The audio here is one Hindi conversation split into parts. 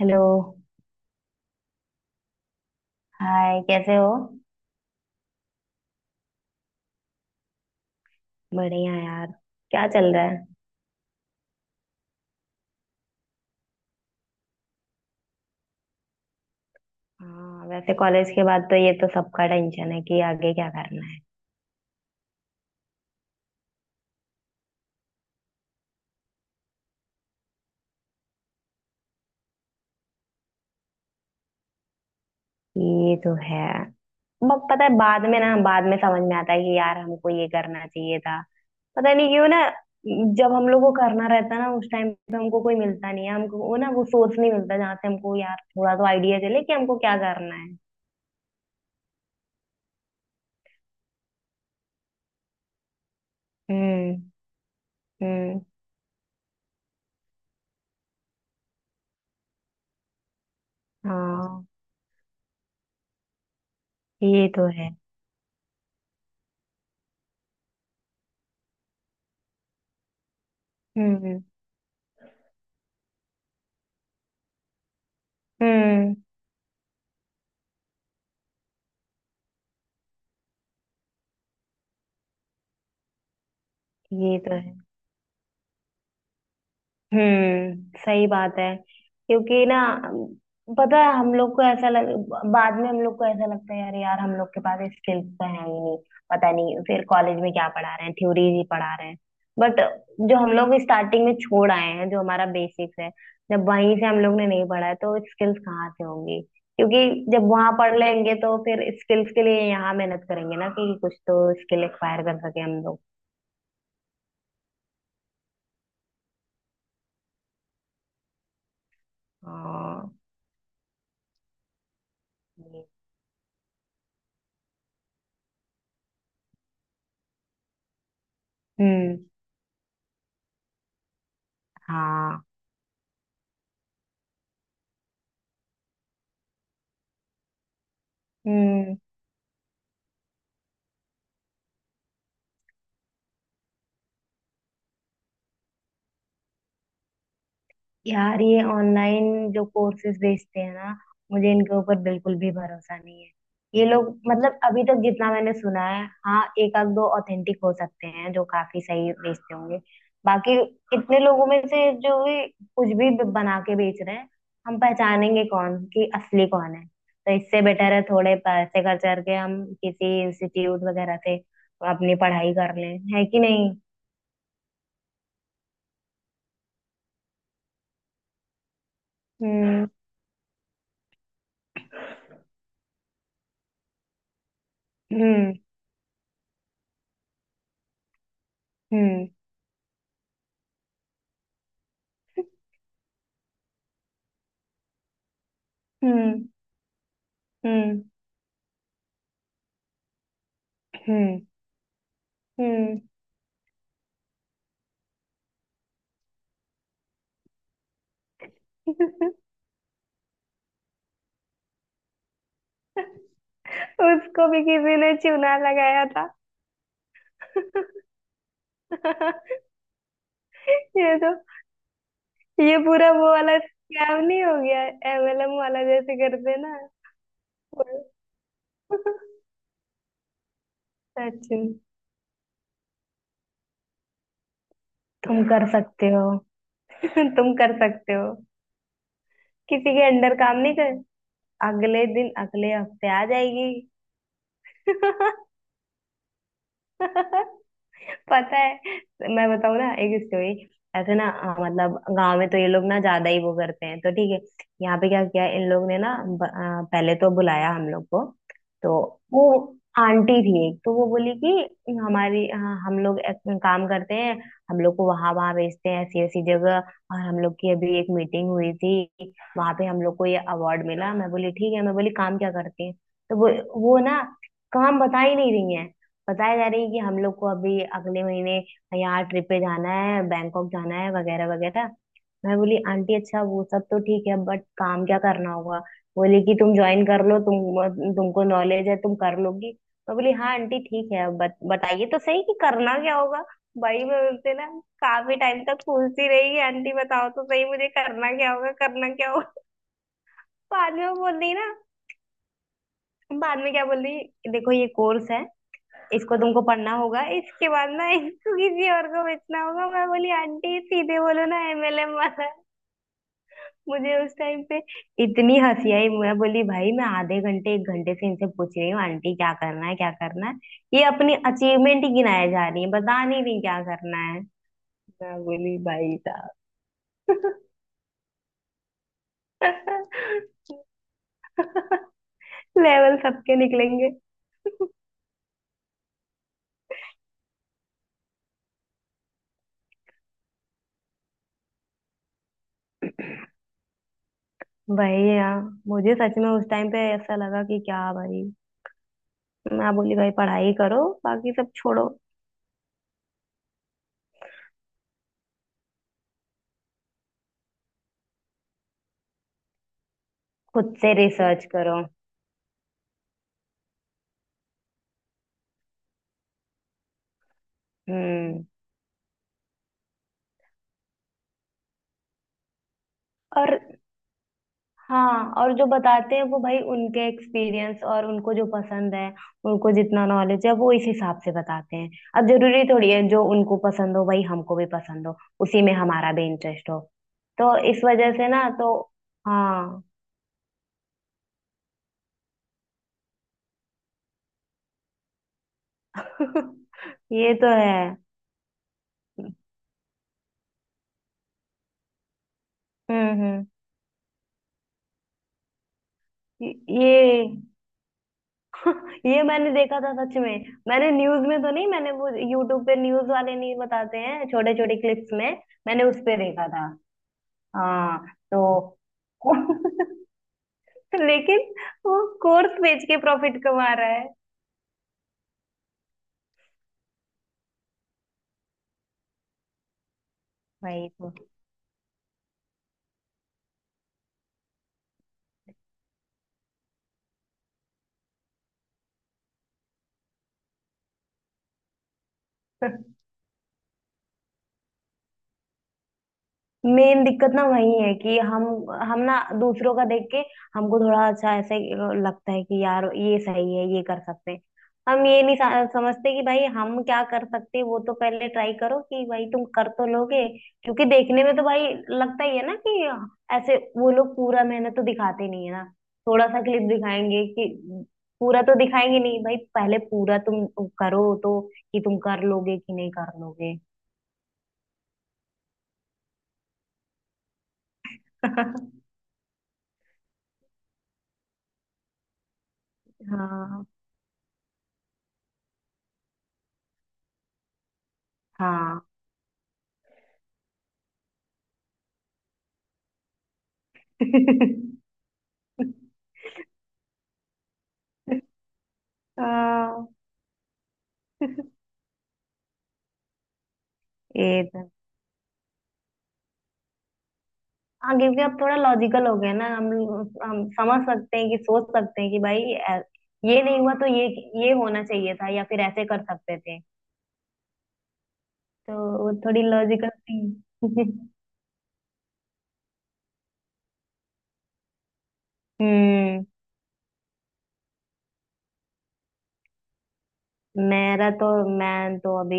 हेलो। हाय कैसे हो। बढ़िया यार। क्या चल रहा है। हाँ वैसे कॉलेज के बाद तो ये तो सबका टेंशन है कि आगे क्या करना है। ये तो है। पता है बाद में ना बाद में समझ में आता है कि यार हमको ये करना चाहिए था। पता नहीं क्यों ना। जब हम लोग को करना रहता है ना उस टाइम पे हमको कोई मिलता नहीं है, हमको वो ना वो सोर्स नहीं मिलता जहाँ से हमको यार थोड़ा तो आइडिया चले कि हमको क्या करना है। हम्म। हम्म। हाँ, ये तो है। हम्म। हम्म। ये तो है। हम्म, सही बात है। क्योंकि ना पता है हम लोग को ऐसा लग। बाद में हम लोग को ऐसा लगता है यार, यार हम लोग के पास स्किल्स तो है ही नहीं। पता नहीं फिर कॉलेज में क्या पढ़ा रहे हैं, थ्योरीज ही पढ़ा रहे हैं। बट जो हम लोग स्टार्टिंग में छोड़ आए हैं जो हमारा बेसिक्स है, जब वहीं से हम लोग ने नहीं पढ़ा है तो स्किल्स कहाँ से होंगी। क्योंकि जब वहां पढ़ लेंगे तो फिर स्किल्स के लिए यहाँ मेहनत करेंगे ना कि कुछ तो स्किल एक्वायर कर सके हम लोग। हाँ। हम्म। हाँ। हम्म। यार ये ऑनलाइन जो कोर्सेज बेचते हैं ना, मुझे इनके ऊपर बिल्कुल भी भरोसा नहीं है। ये लोग मतलब अभी तक जितना मैंने सुना है, हाँ एक आध दो ऑथेंटिक हो सकते हैं जो काफी सही बेचते होंगे। बाकी इतने लोगों में से जो भी कुछ भी बना के बेच रहे हैं, हम पहचानेंगे कौन कि असली कौन है, तो इससे बेटर है थोड़े पैसे खर्च करके हम किसी इंस्टीट्यूट वगैरह से अपनी पढ़ाई कर लें, है कि नहीं। हम्म। हम्म। हम्म। हम्म। हम्म। हम्म। हम्म। उसको भी किसी ने चूना लगाया था। ये तो ये पूरा वो वाला स्कैम नहीं हो गया, एमएलएम वाला जैसे करते हैं ना वो। सच में। तुम कर सकते हो। तुम कर सकते हो। किसी के अंडर काम नहीं कर, अगले दिन अगले हफ्ते आ जाएगी। पता है, मैं बताऊँ ना एक स्टोरी। ऐसे ना, मतलब गांव में तो ये लोग ना ज्यादा ही वो करते हैं तो ठीक है। यहाँ पे क्या किया इन लोग ने ना, पहले तो बुलाया हम लोग को। तो वो आंटी थी एक, तो वो बोली कि हमारी, हाँ, हम लोग एक काम करते हैं, हम लोग को वहां वहां भेजते हैं ऐसी ऐसी जगह, और हम लोग की अभी एक मीटिंग हुई थी, वहां पे हम लोग को ये अवार्ड मिला। मैं बोली ठीक है, मैं बोली काम क्या करती है। तो वो ना काम बता ही नहीं रही है। बताया जा रही है कि हम लोग को अभी अगले महीने यहाँ ट्रिप पे जाना है, बैंकॉक जाना है वगैरह वगैरह। मैं बोली आंटी, अच्छा वो सब तो ठीक है बट काम क्या करना होगा। बोली कि तुम ज्वाइन कर लो, तुमको नॉलेज है, तुम कर लोगी। मैं बोली हाँ आंटी ठीक है, बताइए तो सही कि करना क्या होगा। भाई मैं बोलते ना, काफी टाइम तक पूछती रही कि आंटी बताओ तो सही मुझे करना क्या होगा करना क्या होगा। बाद में वो बोल रही ना, बाद में क्या बोल रही, देखो ये कोर्स है, इसको तुमको पढ़ना होगा, इसके बाद ना इसको किसी और को बेचना होगा। मैं बोली आंटी सीधे बोलो ना, एमएलएम वाला। मुझे उस टाइम पे इतनी हंसी आई, मैं बोली भाई मैं आधे घंटे एक घंटे से इनसे पूछ रही हूँ आंटी क्या करना है क्या करना है, ये अपनी अचीवमेंट ही गिनाए जा रही है, बता नहीं रही क्या करना है। मैं बोली भाई साहब। लेवल सबके निकलेंगे। भाई यार, मुझे सच में उस टाइम पे ऐसा लगा कि क्या भाई। मैं बोली भाई पढ़ाई करो, बाकी सब छोड़ो। खुद से रिसर्च करो। हम्म। और हाँ, और जो बताते हैं वो भाई उनके एक्सपीरियंस और उनको जो पसंद है, उनको जितना नॉलेज है वो इस हिसाब से बताते हैं। अब जरूरी थोड़ी है जो उनको पसंद हो भाई हमको भी पसंद हो, उसी में हमारा भी इंटरेस्ट हो। तो इस वजह से ना तो, हाँ। ये तो है। हम्म। हम्म। ये ये मैंने देखा था सच में, मैंने न्यूज में तो नहीं, मैंने वो यूट्यूब पे, न्यूज वाले नहीं बताते हैं छोटे छोटे क्लिप्स में, मैंने उस पे देखा था। हाँ। तो लेकिन वो कोर्स बेच के प्रॉफिट कमा रहा है। वही तो। मेन दिक्कत ना वही है कि हम ना दूसरों का देख के हमको थोड़ा अच्छा ऐसे लगता है कि यार ये सही है, ये कर सकते हैं। हम ये नहीं समझते कि भाई हम क्या कर सकते हैं, वो तो पहले ट्राई करो कि भाई तुम कर तो लोगे। क्योंकि देखने में तो भाई लगता ही है ना कि ऐसे वो लोग पूरा मेहनत तो दिखाते नहीं है ना, थोड़ा सा क्लिप दिखाएंगे कि पूरा तो दिखाएंगे नहीं, भाई पहले पूरा तुम करो तो, कि तुम कर लोगे कि नहीं कर लोगे। हाँ हाँ हाँ। ये तो हाँ, क्योंकि अब थोड़ा लॉजिकल हो गया ना हम समझ सकते हैं कि सोच सकते हैं कि भाई ये नहीं हुआ तो ये होना चाहिए था या फिर ऐसे कर सकते थे। तो वो थोड़ी लॉजिकल थी। हम्म। मेरा तो, मैं तो अभी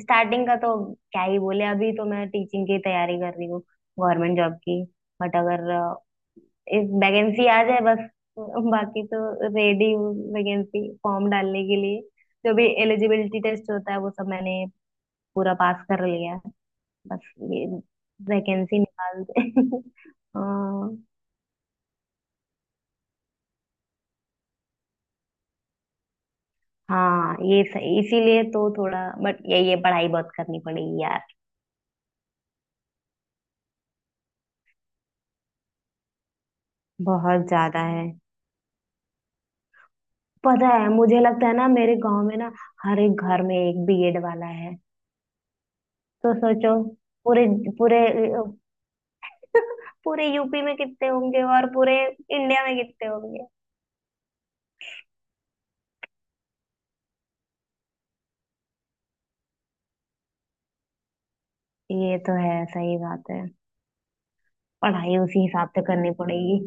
स्टार्टिंग का तो क्या ही बोले, अभी तो मैं टीचिंग की तैयारी कर रही हूँ, गवर्नमेंट जॉब की। बट अगर एक वैकेंसी आ जाए बस, बाकी तो रेडी हूँ वैकेंसी फॉर्म डालने के लिए। जो भी एलिजिबिलिटी टेस्ट होता है वो सब मैंने पूरा पास कर लिया है। बस ये वैकेंसी निकाल दे। हाँ। हाँ, ये सही, इसीलिए तो थोड़ा बट ये पढ़ाई बहुत करनी पड़ेगी यार। बहुत ज्यादा है। पता है मुझे लगता है ना मेरे गांव में ना हर एक घर में एक बीएड वाला है। तो सोचो, पूरे पूरे पूरे यूपी में कितने होंगे और पूरे इंडिया में कितने होंगे। ये तो है, सही बात है। पढ़ाई उसी हिसाब से करनी पड़ेगी।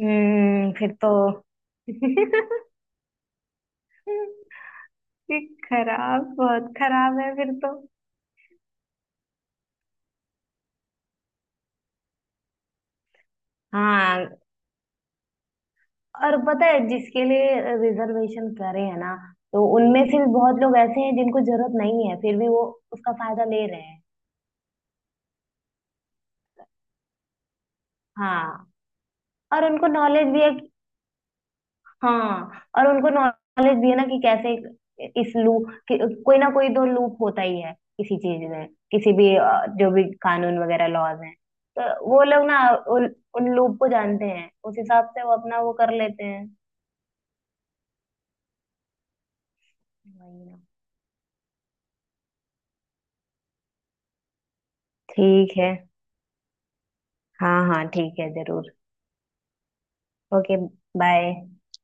हम्म, फिर तो। ये खराब, बहुत खराब है फिर तो। हाँ और पता है जिसके लिए रिजर्वेशन करे है ना, तो उनमें से भी बहुत लोग ऐसे हैं जिनको जरूरत नहीं है फिर भी वो उसका फायदा ले रहे हैं। हाँ और उनको नॉलेज भी है। हाँ और उनको नॉलेज भी है ना कि कैसे इस लूप कि, कोई ना कोई तो लूप होता ही है किसी चीज में किसी भी, जो भी कानून वगैरह लॉज हैं, तो वो लोग ना उन, उन लूप को जानते हैं, उस हिसाब से वो अपना वो कर लेते हैं। वही ना। ठीक है, हाँ हाँ ठीक है जरूर। Okay bye.